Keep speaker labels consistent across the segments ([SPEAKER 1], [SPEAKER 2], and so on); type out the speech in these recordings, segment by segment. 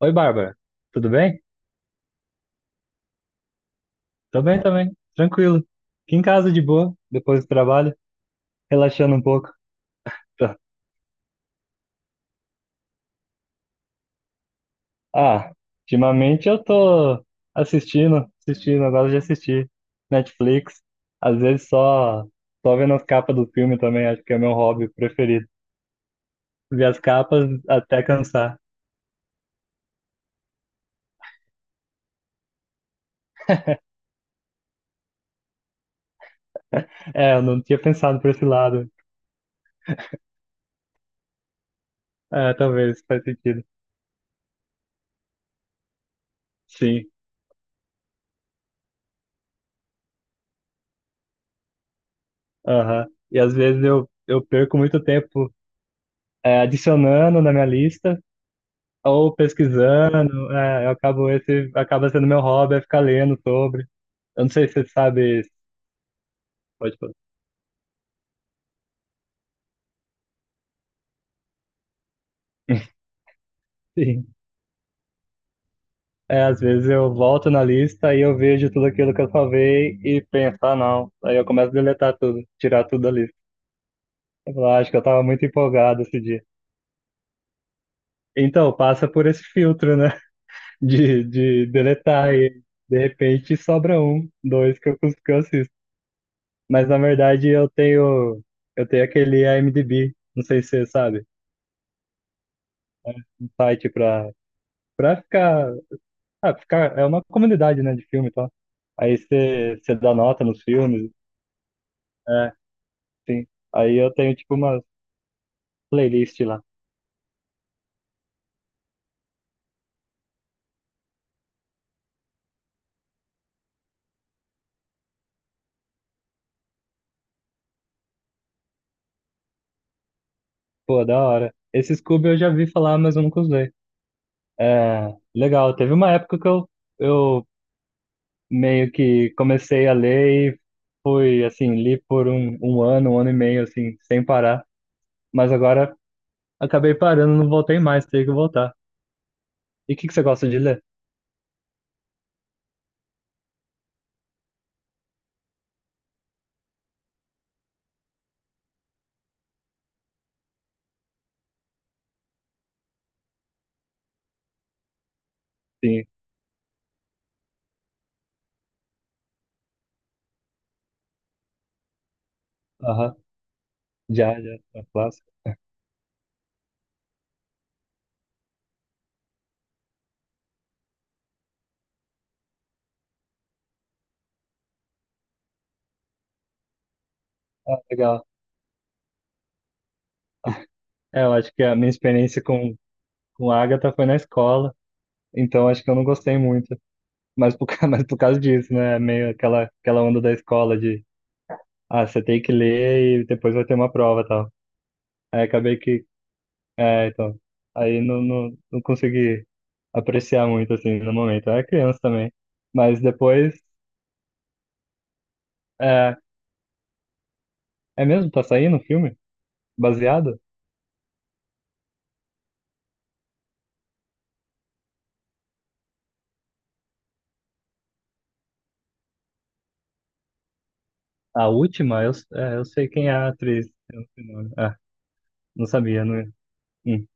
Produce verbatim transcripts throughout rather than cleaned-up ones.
[SPEAKER 1] Oi, Bárbara. Tudo bem? Tô bem também. Tranquilo. Aqui em casa de boa, depois do trabalho, relaxando um pouco. Tá. Ah, ultimamente eu tô assistindo, assistindo, eu gosto de assistir Netflix. Às vezes só, Só vendo as capas do filme também, acho que é meu hobby preferido. Ver as capas até cansar. É, eu não tinha pensado por esse lado. É, talvez, faz sentido. Sim, aham. E às vezes eu, eu perco muito tempo, é, adicionando na minha lista ou pesquisando, é, eu acabo esse, acaba sendo meu hobby, é ficar lendo sobre. Eu não sei se você sabe, pode falar. Sim. É, às vezes eu volto na lista e eu vejo tudo aquilo que eu salvei e penso, ah, não. Aí eu começo a deletar tudo, tirar tudo da lista. Eu falo, "Ah, acho que eu tava muito empolgado esse dia." Então, passa por esse filtro, né? De, de deletar e de repente sobra um, dois que eu, cons- que eu assisto. Mas na verdade eu tenho, eu tenho aquele IMDb, não sei se você sabe. Site pra, pra ficar, ah, ficar. É uma comunidade, né, de filme e tal. Aí você você dá nota nos filmes. É, sim. Aí eu tenho, tipo, uma playlist lá. Pô, da hora. Esse Scooby eu já vi falar, mas eu nunca usei. É, legal. Teve uma época que eu, eu meio que comecei a ler e fui, assim, li por um, um ano, um ano e meio, assim, sem parar. Mas agora acabei parando, não voltei mais, tenho que voltar. E o que que você gosta de ler? Sim. Aham. Já, já. É. Ah, legal. É, eu acho que a minha experiência com, com a Agatha foi na escola, então acho que eu não gostei muito. Mas por, ca- mas por causa disso, né? É. Meio aquela, aquela onda da escola de, ah, você tem que ler e depois vai ter uma prova e tal. Aí acabei que, é, então, aí não, não, não consegui apreciar muito, assim, no momento. Eu era criança também. Mas depois, é, é mesmo? Tá saindo um filme baseado? A última, eu, é, eu sei quem é a atriz. Eu não sei o nome. Ah, não sabia, não. Hum.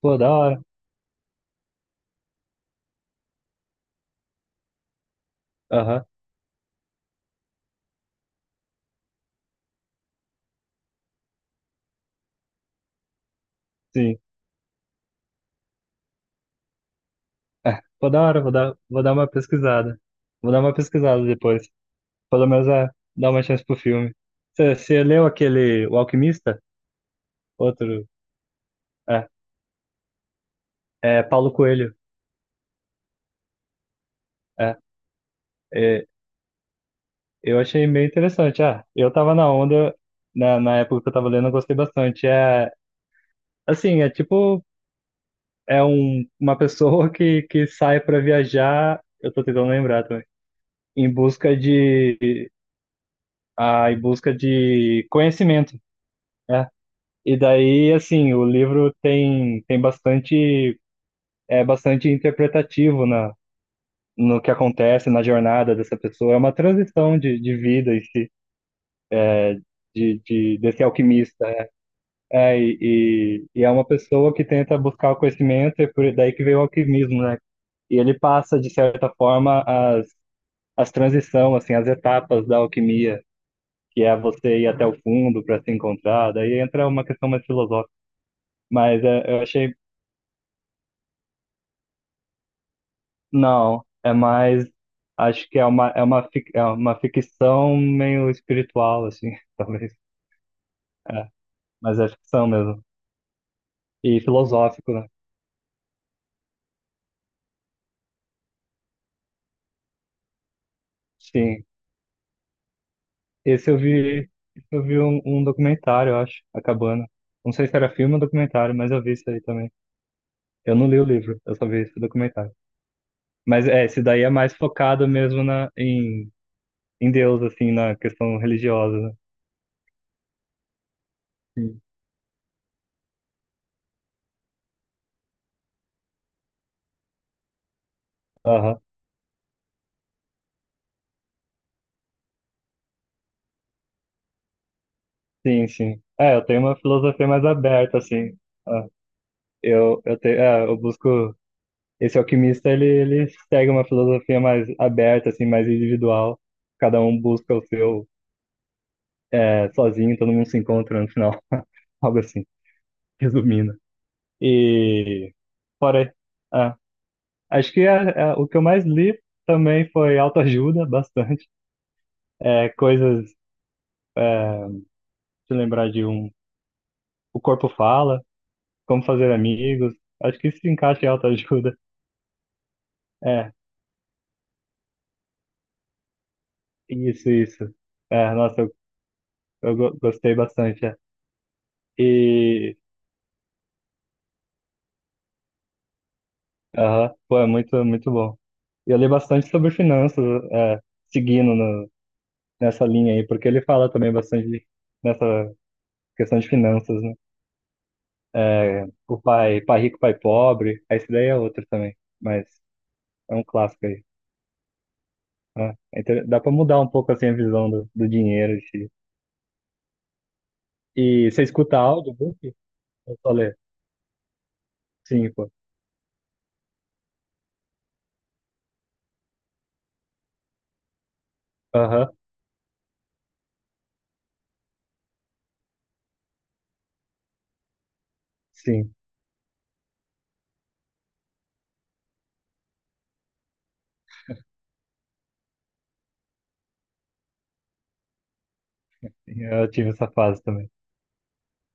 [SPEAKER 1] Pô, da hora. Aham. Sim. É, vou dar hora, vou dar, vou dar uma pesquisada. Vou dar uma pesquisada depois. Pelo menos é, dar uma chance pro filme. Você você leu aquele O Alquimista? Outro. É, é Paulo Coelho. É, é, eu achei meio interessante. Ah, eu tava na onda, na, na época que eu tava lendo, eu gostei bastante. É, assim, é tipo, é um, uma pessoa que, que sai pra viajar, eu tô tentando lembrar também, em busca de, ah, em busca de conhecimento, né? E daí, assim, o livro tem, tem bastante, é bastante interpretativo na, no que acontece na jornada dessa pessoa. É uma transição de, de vida em si, de, de, desse alquimista. É, e, e, e é uma pessoa que tenta buscar o conhecimento, e por daí que veio o alquimismo, né? E ele passa, de certa forma, as, as transição assim, as etapas da alquimia, que é você ir até o fundo para se encontrar. Daí entra uma questão mais filosófica. Mas é, eu achei. Não, é mais. Acho que é uma, é uma, fic- é uma ficção meio espiritual, assim, talvez. É, mas é ficção mesmo. E filosófico, né? Sim. Esse eu vi, esse eu vi um, um documentário, eu acho, acabando. Não sei se era filme ou documentário, mas eu vi isso aí também. Eu não li o livro, eu só vi esse documentário. Mas é, esse daí é mais focado mesmo na, em, em Deus, assim, na questão religiosa, né? Sim. Aham. Sim, sim. É, eu tenho uma filosofia mais aberta, assim. Ah. Eu, eu, te, é, eu busco. Esse alquimista, ele, ele segue uma filosofia mais aberta, assim, mais individual. Cada um busca o seu, é, sozinho, todo mundo se encontra no final. Algo assim, resumindo. E fora. É, acho que é, é, o que eu mais li também foi autoajuda, bastante. É, coisas. É, deixa eu lembrar de um. O corpo fala, como fazer amigos. Acho que isso se encaixa em autoajuda. É, isso, isso. É, nossa, eu go- gostei bastante. É. E, aham, pô, é muito, muito bom. E eu li bastante sobre finanças, é, seguindo no- nessa linha aí, porque ele fala também bastante de- nessa questão de finanças, né? É, o pai, pai rico, pai pobre, aí esse daí é outro também, mas é um clássico aí, né? É inter- dá pra mudar um pouco assim a visão do, do dinheiro em si. E você escuta audiobook? Eu só ler. Sim, pô. Aham, sim. Eu tive essa fase também.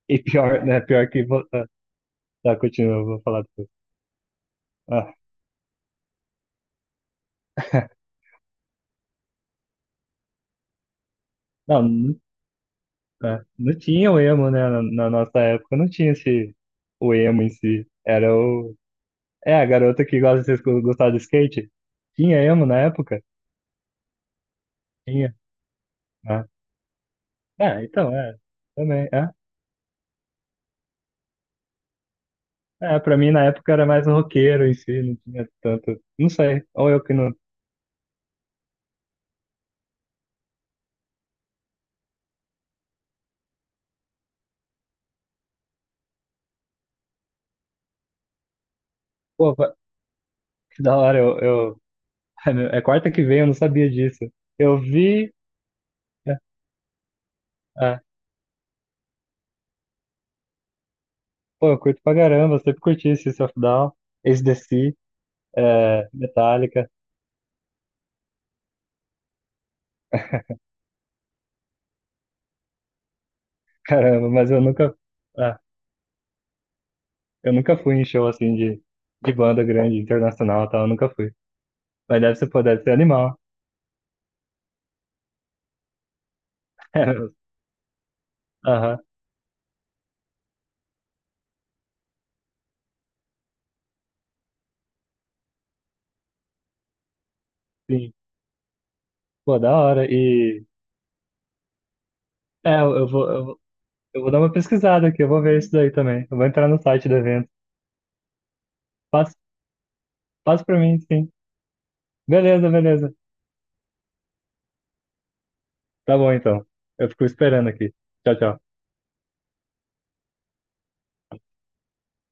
[SPEAKER 1] E pior, né? Pior que. vo- é, tá, continua, vou falar depois. Ah, não, não, é, não tinha o emo, né? Na, na nossa época não tinha esse, o emo em si. Era o. É, a garota que gosta de gostar de skate. Tinha emo na época? Tinha. Ah, é, então, é. Também. É, é, pra mim na época era mais o roqueiro em si, não tinha tanto. Não sei. Ou eu que não. Pô, va- que da hora, eu, eu. Ai, meu, é quarta que vem, eu não sabia disso. Eu vi. É, é. Pô, eu curto pra caramba, eu sempre curti esse of Down, A C/D C, é, Metallica, caramba, mas eu nunca, ah, eu nunca fui em show assim de, de banda grande, internacional e tal, eu nunca fui. Mas deve ser, pô, deve ser animal. É, aham, sim. Pô, da hora. E, é, eu, eu vou, eu, vou- eu vou dar uma pesquisada aqui, eu vou ver isso daí também. Eu vou entrar no site do evento. Passa, passa pra mim, sim. Beleza, beleza. Tá bom, então. Eu fico esperando aqui. Tchau, tchau.